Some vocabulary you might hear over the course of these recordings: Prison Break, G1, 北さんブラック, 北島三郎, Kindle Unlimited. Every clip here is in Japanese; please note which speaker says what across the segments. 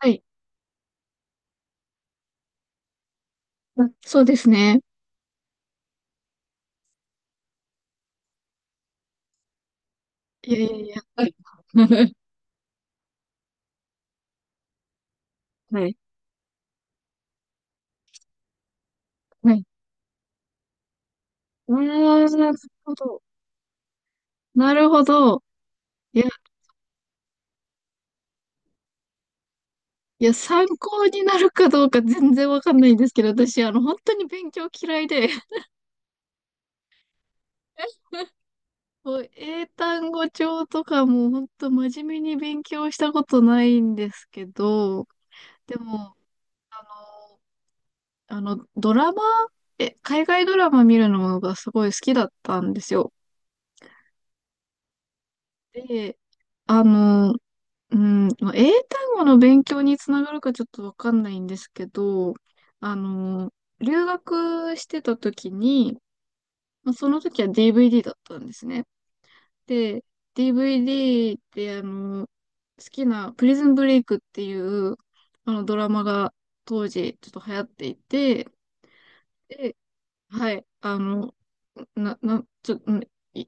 Speaker 1: はい。あ、そうですね。いやいやいや。はい。はい。はい。ああ、なるほど。なるほど。いや、いや、参考になるかどうか全然わかんないんですけど、私、本当に勉強嫌いで、もう英単語帳とかも本当真面目に勉強したことないんですけど、でも、あの、あの、ドラマ、え、海外ドラマ見るのがすごい好きだったんですよ。で、あの、うん、まあ英単語の勉強につながるかちょっとわかんないんですけど、あの、留学してた時に、まあ、その時は DVD だったんですね。で、DVD って好きなプリズンブレイクっていうあのドラマが当時ちょっと流行っていて、で、はい、あの、な、な、ちょ、うんい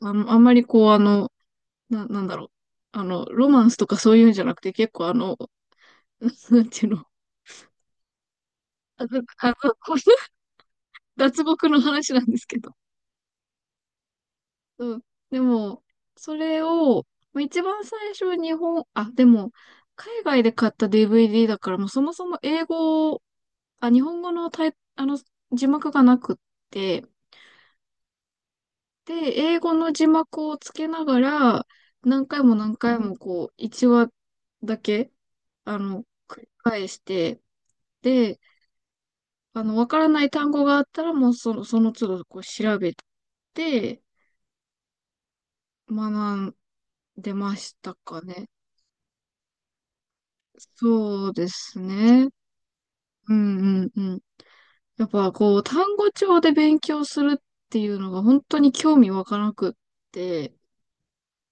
Speaker 1: あの、あんまりこうなんだろう。ロマンスとかそういうんじゃなくて結構なんていうのあの、あの、これ脱獄の話なんですけど。うん。でも、それを、まあ一番最初日本、あ、でも、海外で買った DVD だから、もうそもそも英語、あ、日本語のタイ、あの、字幕がなくって、で、英語の字幕をつけながら、何回も何回もこう、1話だけ、繰り返して、で、わからない単語があったら、もうその都度こう調べて学んでましたかね。そうですね。うんうんうん。やっぱこう、単語帳で勉強するっていうのが本当に興味わからなくって、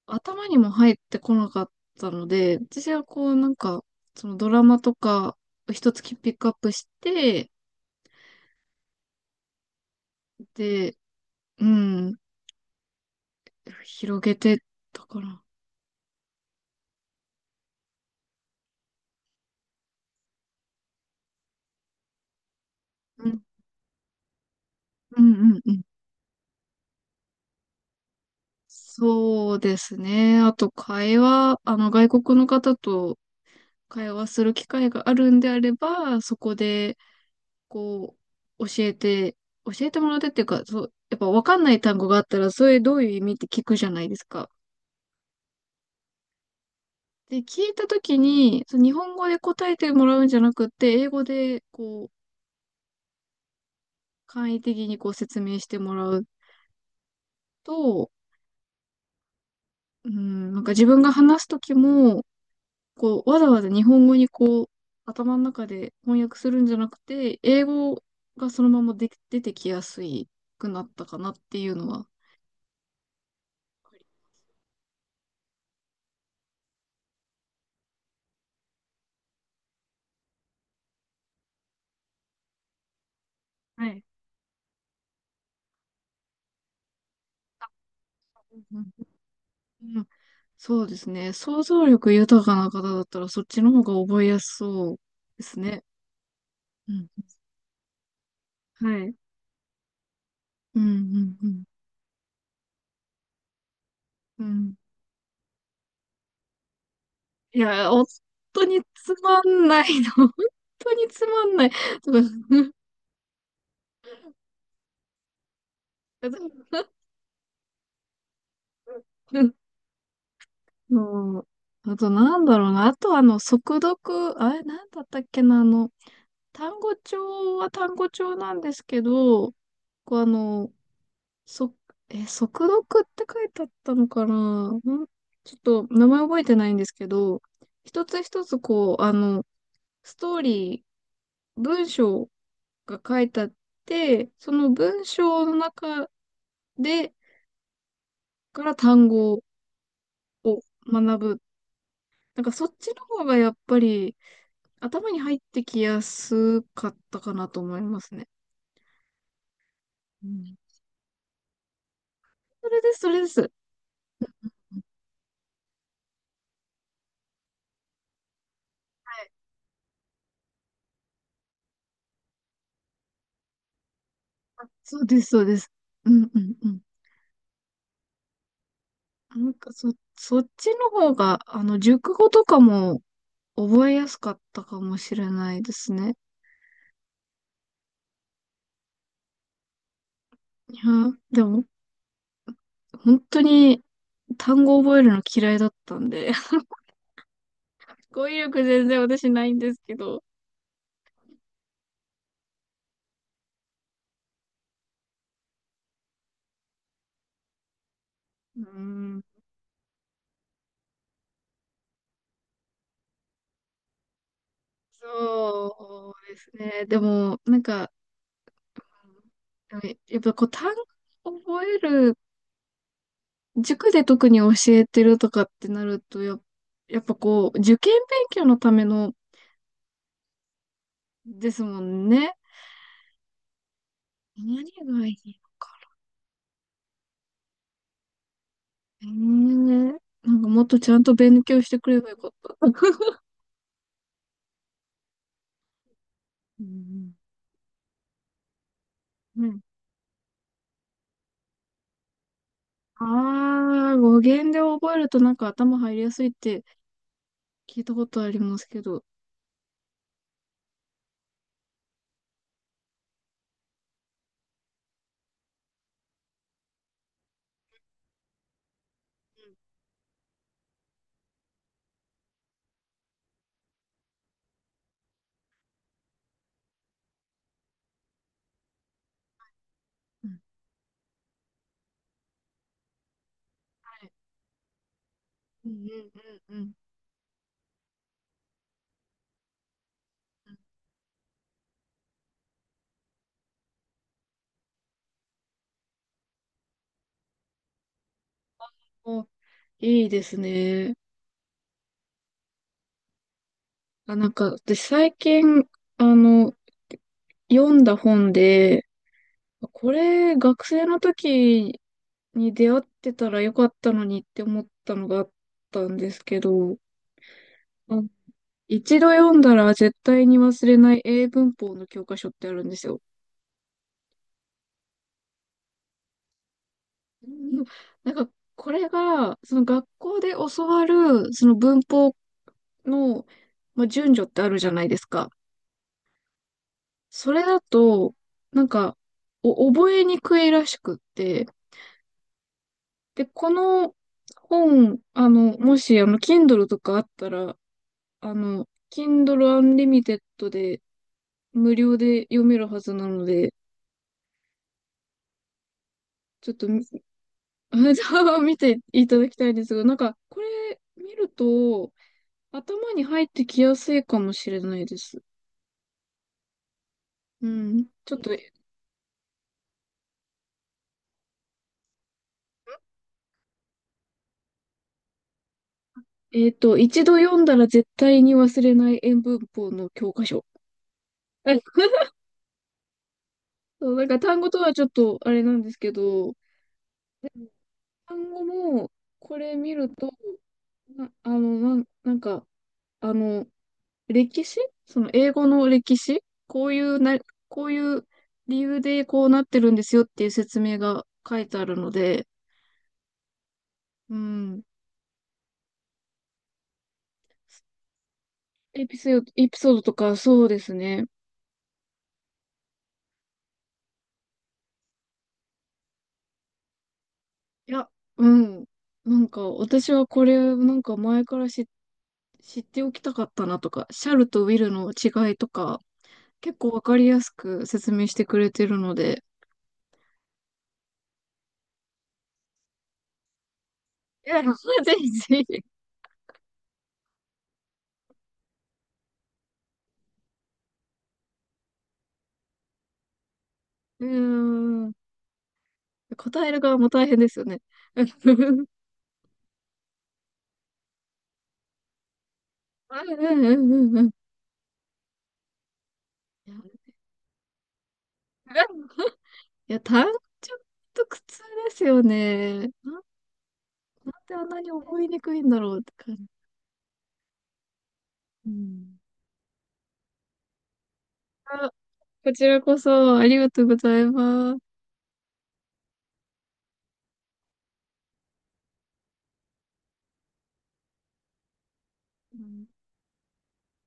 Speaker 1: 頭にも入ってこなかったので、私はこうなんか、そのドラマとか一つピックアップして、で、うん、広げてたかな。うん、うんうんうん。そうですね。あと、会話、あの、外国の方と会話する機会があるんであれば、そこで、こう、教えてもらってっていうか、そう、やっぱ分かんない単語があったら、それどういう意味って聞くじゃないですか。で、聞いたときに、そう日本語で答えてもらうんじゃなくって、英語で、こう、簡易的にこう説明してもらうと、うん、なんか自分が話すときも、こう、わざわざ日本語にこう、頭の中で翻訳するんじゃなくて、英語がそのままで出てきやすいくなったかなっていうのは。はい。うんうん、そうですね。想像力豊かな方だったら、そっちの方が覚えやすそうですね。うん。はい。うん、うん、うん。うん、いや、本当につまんないの。本当につまんない。とか そう。あと、なんだろうな。あと、速読、あれ、なんだったっけな。単語帳は単語帳なんですけど、こう、そ、速読って書いてあったのかな。ちょっと、名前覚えてないんですけど、一つ一つ、こう、ストーリー、文章が書いてあって、その文章の中で、から単語を学ぶ。なんか、そ、っちの方がやっぱり、頭に入ってきやすかったかなと思いますね。うん。それです、それです。そうです、そうです。うんうんうん。なんかそっちの方が、熟語とかも覚えやすかったかもしれないですね。いや、でも、本当に単語覚えるの嫌いだったんで、語彙力全然私ないんですけど。うん、そうですね。でも、なんか、やっぱこう単語覚える塾で特に教えてるとかってなると、やっぱこう、受験勉強のためのですもんね。何がいいのかね。なんかもっとちゃんと勉強してくればよかった。うんうん。ああー、語源で覚えるとなんか頭入りやすいって聞いたことありますけど。うんうんうん、はい。うんうんうんうん。お、いいですね。あ、なんか私最近、あの、読んだ本で、これ、学生の時に出会ってたらよかったのにって思ったのがあったんですけど、あ一度読んだら絶対に忘れない英文法の教科書ってあるんですよ。うん、なんか、これが、その学校で教わる、その文法の、まあ、順序ってあるじゃないですか。それだと、なんか、お覚えにくいらしくって、で、この本、もし、Kindle とかあったら、Kindle Unlimited で無料で読めるはずなので、ちょっと見ていただきたいんですが、なんか、これ見ると、頭に入ってきやすいかもしれないです。うん。ちょっと、一度読んだら絶対に忘れない英文法の教科書。そう、なんか単語とはちょっとあれなんですけど、単語もこれ見ると、な、あの、なん、なんか、あの、歴史その英語の歴史こういうな、こういう理由でこうなってるんですよっていう説明が書いてあるので、うん。エピソードとかそうですね。いや、うん。なんか私はこれなんか前から知っておきたかったなとか、シャルとウィルの違いとか、結構わかりやすく説明してくれてるので、いや、ぜひぜひ。うーん。答える側も大変ですよね。うんうんうんうんうん、いや、単純と苦痛ですよね。なんであんなに覚えにくいんだろうって感じ。うん。あこちらこそありがとうございます。うん